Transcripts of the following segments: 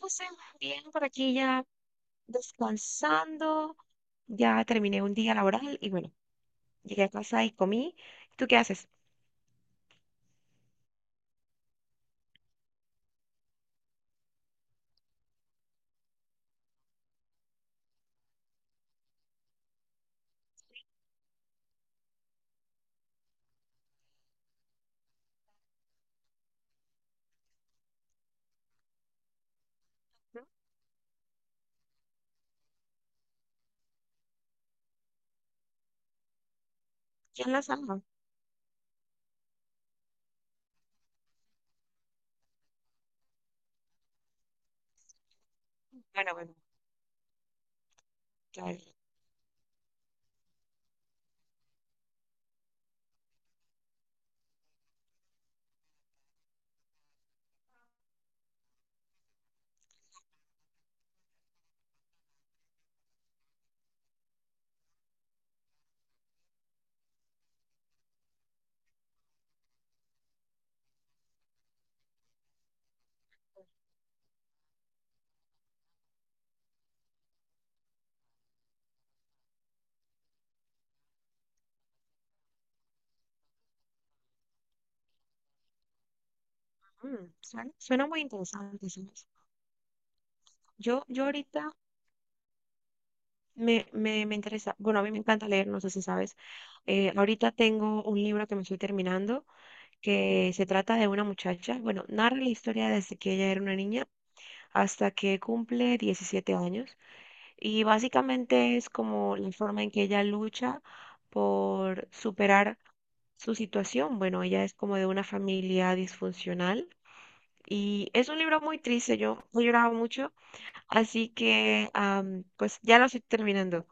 José, bien, por aquí ya descansando, ya terminé un día laboral y bueno, llegué a casa y comí. ¿Tú qué haces? ¿Mm? ¿Quién la salva? Bueno, bueno, ya- suena, suena muy interesante, ¿sabes? Yo ahorita me interesa, bueno, a mí me encanta leer, no sé si sabes. Ahorita tengo un libro que me estoy terminando que se trata de una muchacha, bueno, narra la historia desde que ella era una niña hasta que cumple 17 años. Y básicamente es como la forma en que ella lucha por superar su situación. Bueno, ella es como de una familia disfuncional y es un libro muy triste. Yo he llorado mucho, así que pues ya lo estoy terminando.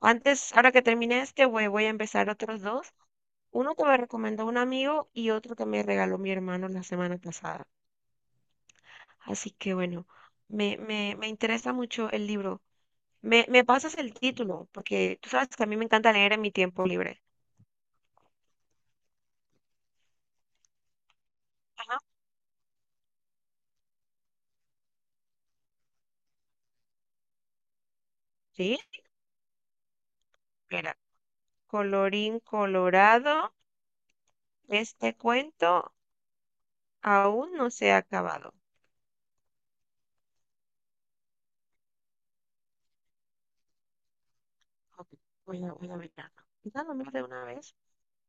Antes, ahora que termine este, voy a empezar otros dos. Uno que me recomendó un amigo y otro que me regaló mi hermano la semana pasada. Así que bueno, me interesa mucho el libro. Me pasas el título, porque tú sabes que a mí me encanta leer en mi tiempo libre. Ajá. Sí, mira, colorín colorado, este cuento aún no se ha acabado. Ok, voy a mirarlo. Quizá lo miro de una vez,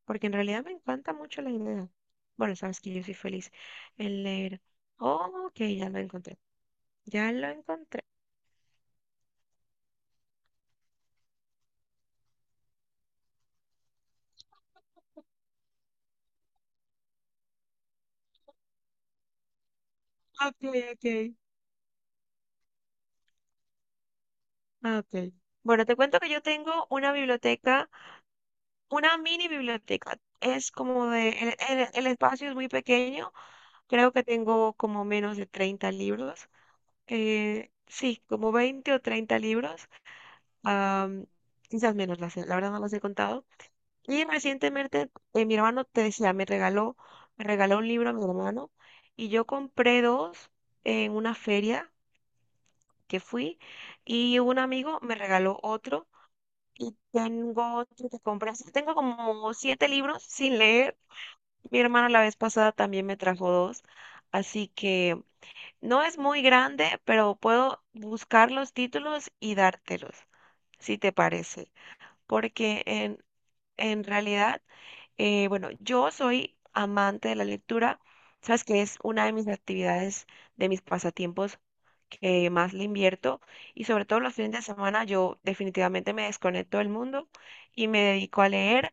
porque en realidad me encanta mucho la idea. Bueno, sabes que yo soy feliz en leer. Oh, ok, ya lo encontré. Ya lo encontré. Ok, ok. Ah, ok. Bueno, te cuento que yo tengo una biblioteca. Una mini biblioteca. Es como el espacio es muy pequeño, creo que tengo como menos de 30 libros. Sí, como 20 o 30 libros, am, quizás menos, verdad no los he contado. Y recientemente mi hermano, te decía, me regaló un libro a mi hermano y yo compré dos en una feria que fui y un amigo me regaló otro. Y tengo otro que compré. Así que tengo como 7 libros sin leer. Mi hermano la vez pasada también me trajo dos, así que no es muy grande, pero puedo buscar los títulos y dártelos, si te parece, porque en realidad, bueno, yo soy amante de la lectura, sabes que es una de mis actividades, de mis pasatiempos que más le invierto y sobre todo los fines de semana yo definitivamente me desconecto del mundo y me dedico a leer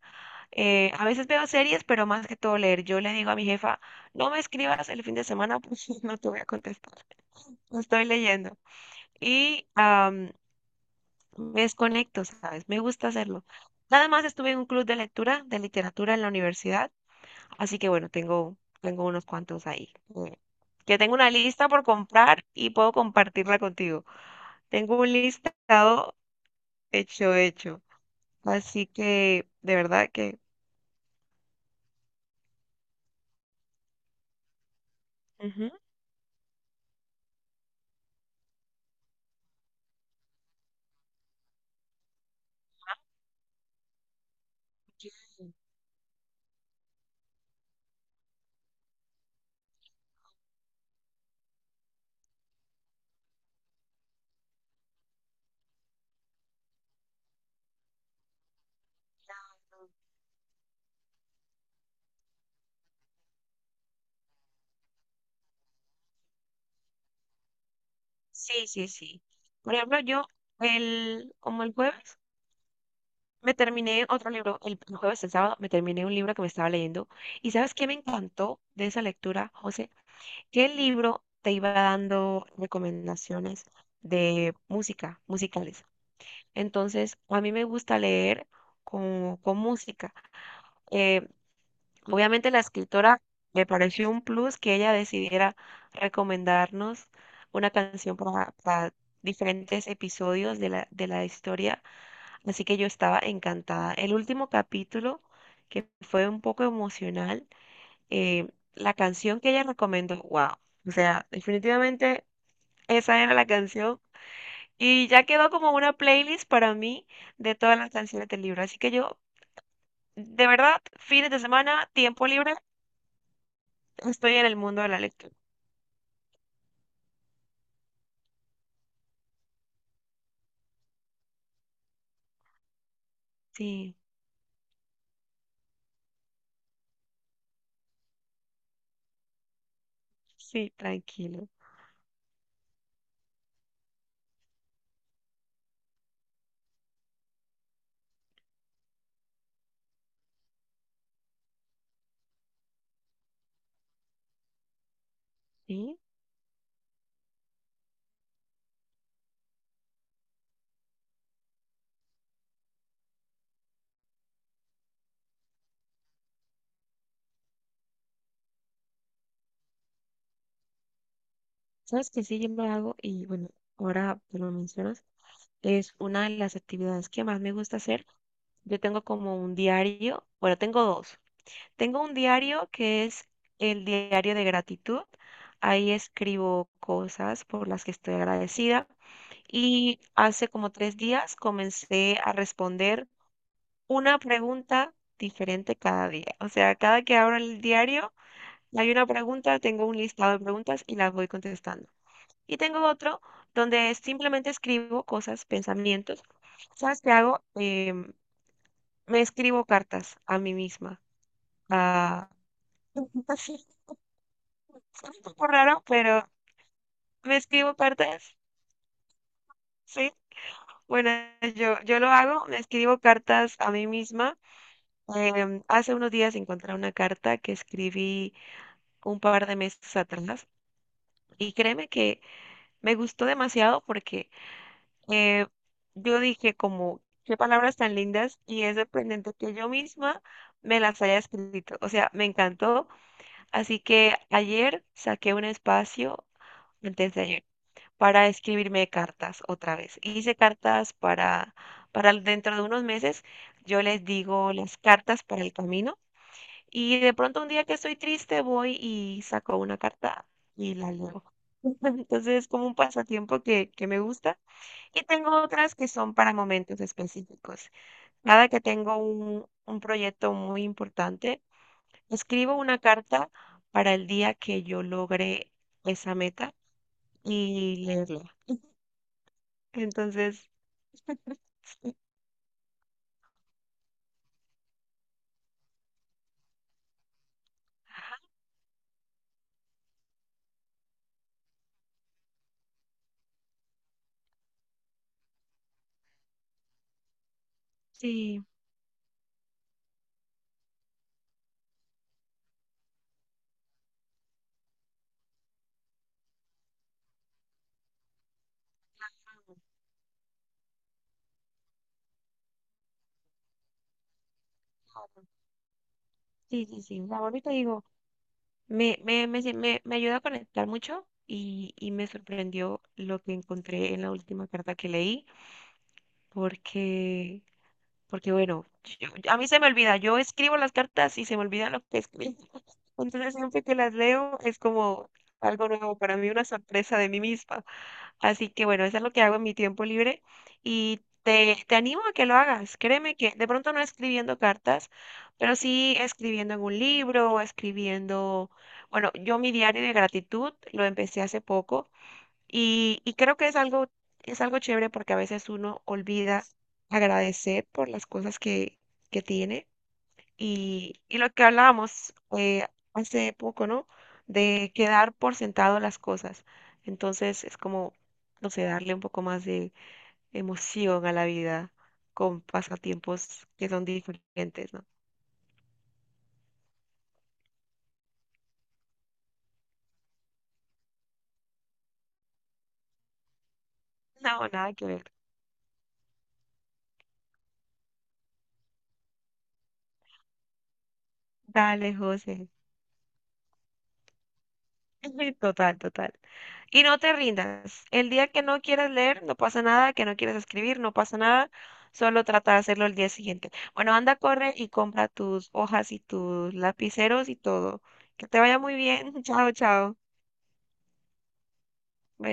a veces veo series, pero más que todo leer. Yo le digo a mi jefa, no me escribas el fin de semana porque no te voy a contestar. No estoy leyendo. Y me desconecto, ¿sabes? Me gusta hacerlo. Nada más estuve en un club de lectura, de literatura en la universidad, así que bueno, tengo unos cuantos ahí. Que tengo una lista por comprar y puedo compartirla contigo. Tengo un listado hecho. Así que, de verdad que... ujú. Sí, sí, sí. Por ejemplo, como el jueves me terminé otro libro, el jueves, el sábado, me terminé un libro que me estaba leyendo. ¿Y sabes qué me encantó de esa lectura, José? Que el libro te iba dando recomendaciones de música, musicales. Entonces, a mí me gusta leer con música. Eh, Obviamente la escritora me pareció un plus que ella decidiera recomendarnos una canción para diferentes episodios de de la historia, así que yo estaba encantada. El último capítulo, que fue un poco emocional, eh, la canción que ella recomendó, wow, o sea, definitivamente esa era la canción y ya quedó como una playlist para mí de todas las canciones del libro, así que yo, de verdad, fines de semana, tiempo libre, estoy en el mundo de la lectura. Sí, sí, tranquilo. Sí, sabes que sí, yo lo hago y bueno, ahora que lo mencionas, es una de las actividades que más me gusta hacer. Yo tengo como un diario, bueno, tengo dos. Tengo un diario que es el diario de gratitud. Ahí escribo cosas por las que estoy agradecida. Y hace como 3 días comencé a responder una pregunta diferente cada día. O sea, cada que abro el diario hay una pregunta, tengo un listado de preguntas y las voy contestando. Y tengo otro donde simplemente escribo cosas, pensamientos. ¿Sabes qué hago? Me escribo cartas a mí misma. Ah, sí, es un poco raro, pero me escribo cartas, sí. Bueno, yo lo hago, me escribo cartas a mí misma. Hace unos días encontré una carta que escribí un par de meses atrás y créeme que me gustó demasiado porque eh, yo dije como, qué palabras tan lindas y es sorprendente que yo misma me las haya escrito. O sea, me encantó. Así que ayer saqué un espacio, antes de ayer, para escribirme cartas otra vez. Hice cartas para dentro de unos meses. Yo les digo las cartas para el camino y de pronto un día que estoy triste voy y saco una carta y la leo. Entonces es como un pasatiempo que me gusta y tengo otras que son para momentos específicos. Cada que tengo un proyecto muy importante, escribo una carta para el día que yo logre esa meta y leerla. Entonces, sí, sí, sí, sí. La ahorita digo, me ayuda a conectar mucho y me sorprendió lo que encontré en la última carta que leí, porque porque bueno, a mí se me olvida, yo escribo las cartas y se me olvida lo que escribo. Entonces siempre que las leo es como algo nuevo para mí, una sorpresa de mí misma. Así que bueno, eso es lo que hago en mi tiempo libre te animo a que lo hagas. Créeme que de pronto no escribiendo cartas, pero sí escribiendo en un libro escribiendo, bueno, yo mi diario de gratitud lo empecé hace poco y creo que es algo chévere porque a veces uno olvida agradecer por las cosas que tiene. Y lo que hablábamos hace poco, ¿no? De quedar por sentado las cosas. Entonces es como, no sé, darle un poco más de emoción a la vida con pasatiempos que son diferentes, ¿no? No, nada que ver. Dale, José. Total, total. Y no te rindas. El día que no quieras leer, no pasa nada, que no quieras escribir, no pasa nada. Solo trata de hacerlo el día siguiente. Bueno, anda, corre y compra tus hojas y tus lapiceros y todo. Que te vaya muy bien. Chao, chao. Bye.